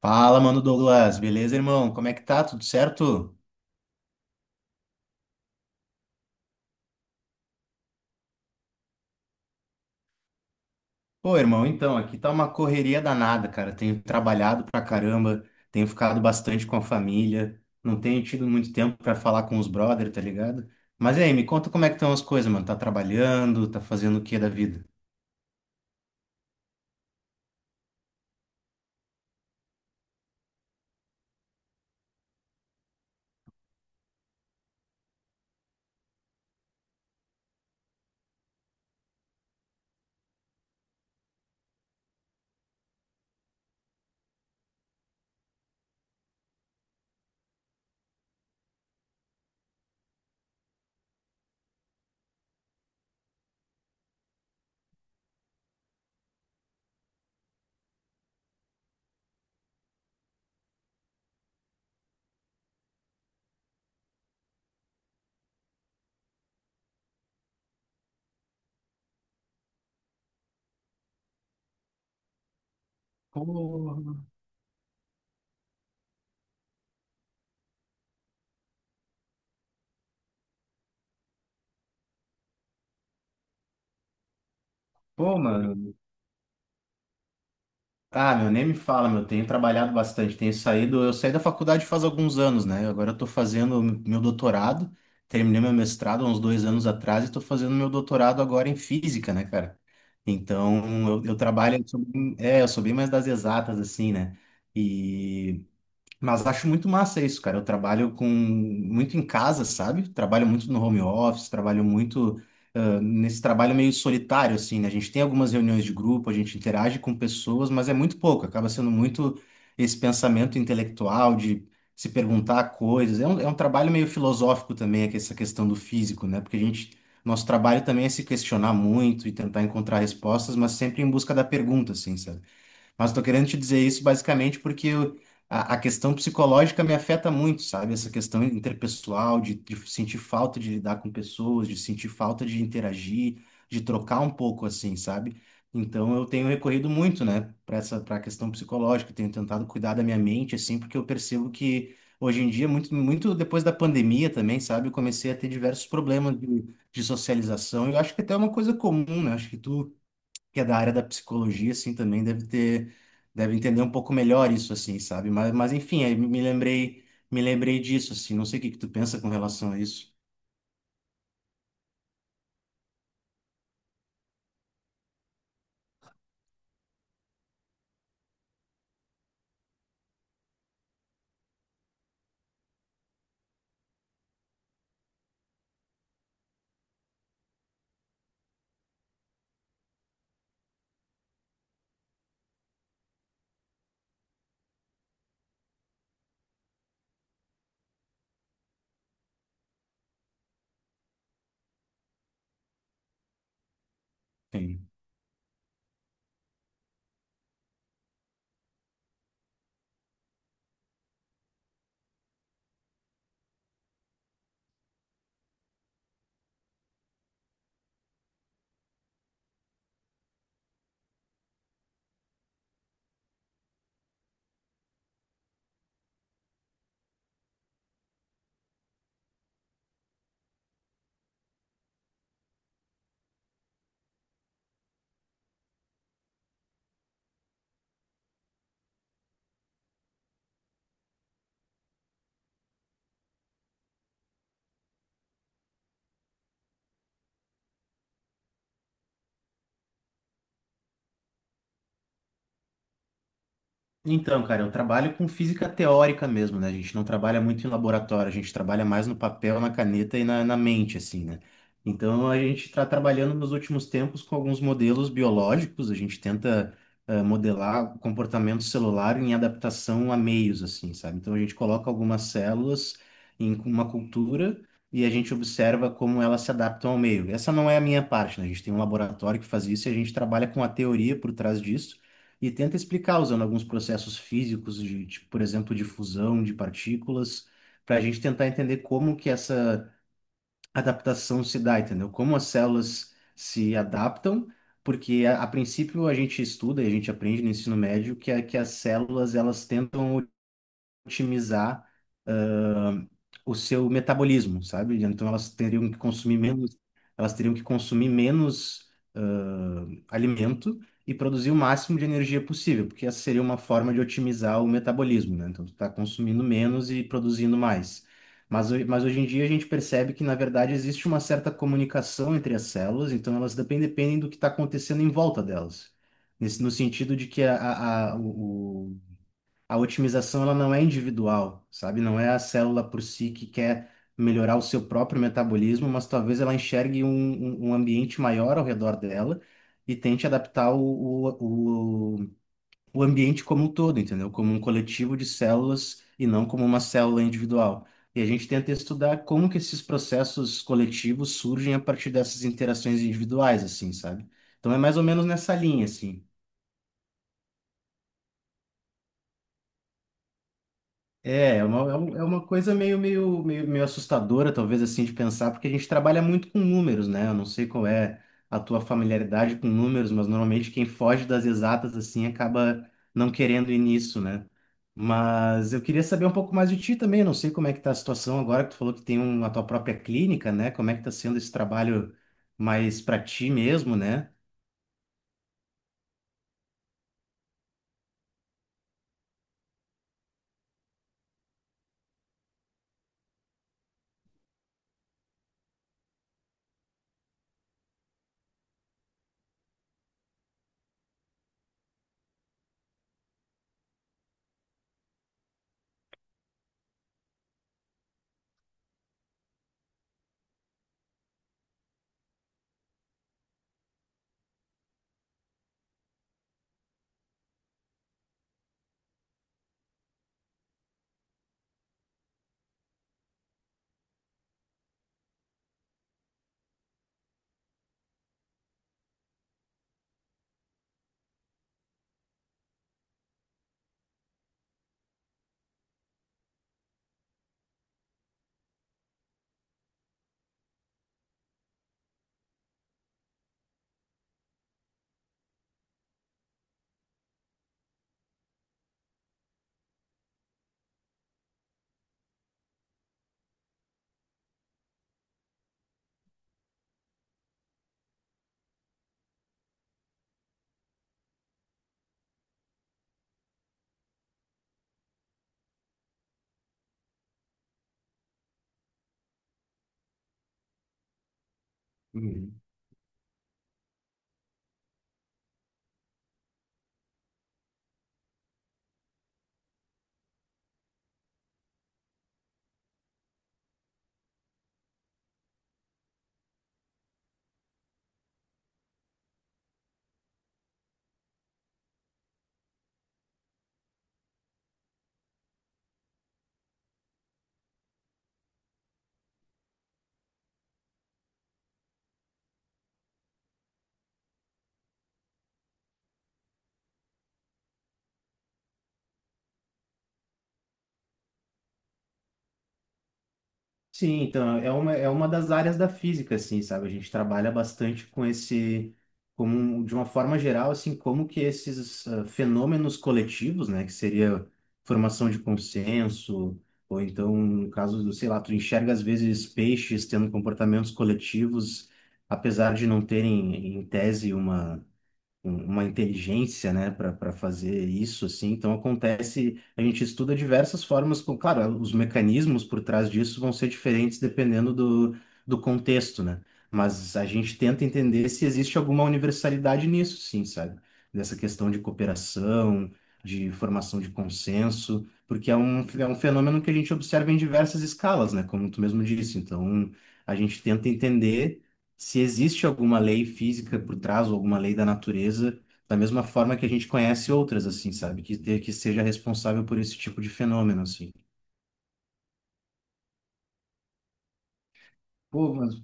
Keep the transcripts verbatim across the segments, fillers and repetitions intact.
Fala, mano Douglas, beleza, irmão? Como é que tá? Tudo certo? Pô, irmão, então, aqui tá uma correria danada, cara. Tenho trabalhado pra caramba, tenho ficado bastante com a família, não tenho tido muito tempo pra falar com os brother, tá ligado? Mas e aí, me conta como é que estão as coisas, mano. Tá trabalhando, tá fazendo o que da vida? Porra. Pô, mano, ah, meu, nem me fala, meu. Tenho trabalhado bastante, tenho saído. Eu saí da faculdade faz alguns anos, né? Agora eu tô fazendo meu doutorado. Terminei meu mestrado há uns dois anos atrás e tô fazendo meu doutorado agora em física, né, cara? Então, eu, eu trabalho. Eu sou bem- é, eu sou bem mais das exatas, assim, né? E mas acho muito massa isso, cara. Eu trabalho com muito em casa, sabe? Trabalho muito no home office, trabalho muito ah, nesse trabalho meio solitário, assim, né? A gente tem algumas reuniões de grupo, a gente interage com pessoas, mas é muito pouco. Acaba sendo muito esse pensamento intelectual de se perguntar coisas. É um, é um trabalho meio filosófico também, é que essa questão do físico, né? Porque a gente, nosso trabalho também é se questionar muito e tentar encontrar respostas, mas sempre em busca da pergunta, assim, sabe? Mas tô querendo te dizer isso basicamente porque eu- a, a questão psicológica me afeta muito, sabe? Essa questão interpessoal, de, de sentir falta de lidar com pessoas, de sentir falta de interagir, de trocar um pouco assim, sabe? Então eu tenho recorrido muito, né, para essa, para a questão psicológica, tenho tentado cuidar da minha mente assim, porque eu percebo que hoje em dia, muito, muito depois da pandemia também, sabe? Eu comecei a ter diversos problemas de, de socialização. Eu acho que até é uma coisa comum, né? Acho que tu que é da área da psicologia, assim, também deve ter, deve entender um pouco melhor isso, assim, sabe? Mas, mas enfim, aí me me lembrei, me lembrei disso, assim, não sei o que que tu pensa com relação a isso. Então, cara, eu trabalho com física teórica mesmo, né? A gente não trabalha muito em laboratório, a gente trabalha mais no papel, na caneta e na, na mente, assim, né? Então, a gente está trabalhando nos últimos tempos com alguns modelos biológicos, a gente tenta eh, modelar o comportamento celular em adaptação a meios, assim, sabe? Então, a gente coloca algumas células em uma cultura e a gente observa como elas se adaptam ao meio. Essa não é a minha parte, né? A gente tem um laboratório que faz isso e a gente trabalha com a teoria por trás disso e tenta explicar usando alguns processos físicos de, de, por exemplo, de fusão de partículas, para a gente tentar entender como que essa adaptação se dá, entendeu? Como as células se adaptam, porque a, a princípio a gente estuda e a gente aprende no ensino médio que, a- que as células elas tentam otimizar ah, o seu metabolismo, sabe? Então elas teriam que consumir menos, elas teriam que consumir menos ah, alimento e produzir o máximo de energia possível, porque essa seria uma forma de otimizar o metabolismo, né? Então tu tá consumindo menos e produzindo mais. Mas, ho- mas hoje em dia a gente percebe que, na verdade, existe uma certa comunicação entre as células, então elas dependem, dependem do que está acontecendo em volta delas. Nesse, no sentido de que a, a- a- o, a otimização ela não é individual, sabe? Não é a célula por si que quer melhorar o seu próprio metabolismo, mas talvez ela enxergue um, um- um ambiente maior ao redor dela e tente adaptar o, o, o, o ambiente como um todo, entendeu? Como um coletivo de células e não como uma célula individual. E a gente tenta estudar como que esses processos coletivos surgem a partir dessas interações individuais, assim, sabe? Então é mais ou menos nessa linha, assim. É, é uma, é um- é uma coisa meio, meio, meio, meio assustadora, talvez, assim, de pensar, porque a gente trabalha muito com números, né? Eu não sei qual é a tua familiaridade com números, mas normalmente quem foge das exatas, assim, acaba não querendo ir nisso, né? Mas eu queria saber um pouco mais de ti também, eu não sei como é que tá a situação agora que tu falou que tem um, a tua própria clínica, né? Como é que tá sendo esse trabalho mais para ti mesmo, né? Sim, então é uma, é uma das áreas da física, assim, sabe? A gente trabalha bastante com esse, como, um, de uma forma geral, assim, como que esses ah, fenômenos coletivos, né, que seria formação de consenso, ou então, no caso do, sei lá, tu enxerga às vezes peixes tendo comportamentos coletivos, apesar de não terem, em tese, uma um- uma inteligência, né, para fazer isso, assim. Então acontece, a gente estuda diversas formas, com, claro, os mecanismos por trás disso vão ser diferentes dependendo do, do contexto, né? Mas a gente tenta entender se existe alguma universalidade nisso, sim, sabe? Nessa questão de cooperação, de formação de consenso, porque é um, é um fenômeno que a gente observa em diversas escalas, né? Como tu mesmo disse. Então, a gente tenta entender se existe alguma lei física por trás ou alguma lei da natureza, da mesma forma que a gente conhece outras, assim, sabe? Que, te- que seja responsável por esse tipo de fenômeno, assim. Pô, mas...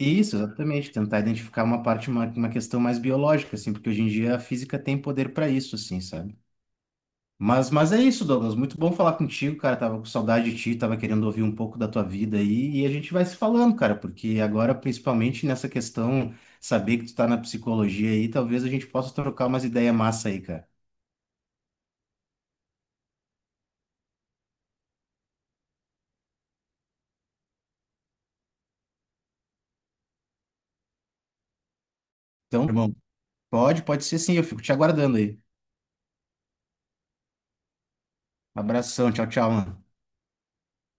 Isso, exatamente. Tentar identificar uma parte, uma, uma questão mais biológica, assim, porque hoje em dia a física tem poder para isso, assim, sabe? Mas, mas é isso, Douglas. Muito bom falar contigo, cara. Tava com saudade de ti, tava querendo ouvir um pouco da tua vida aí, e a gente vai se falando, cara, porque agora, principalmente nessa questão, saber que tu tá na psicologia aí, talvez a gente possa trocar umas ideias massa aí, cara. Então, irmão, pode, pode ser sim, eu fico te aguardando aí. Abração, tchau, tchau, mano.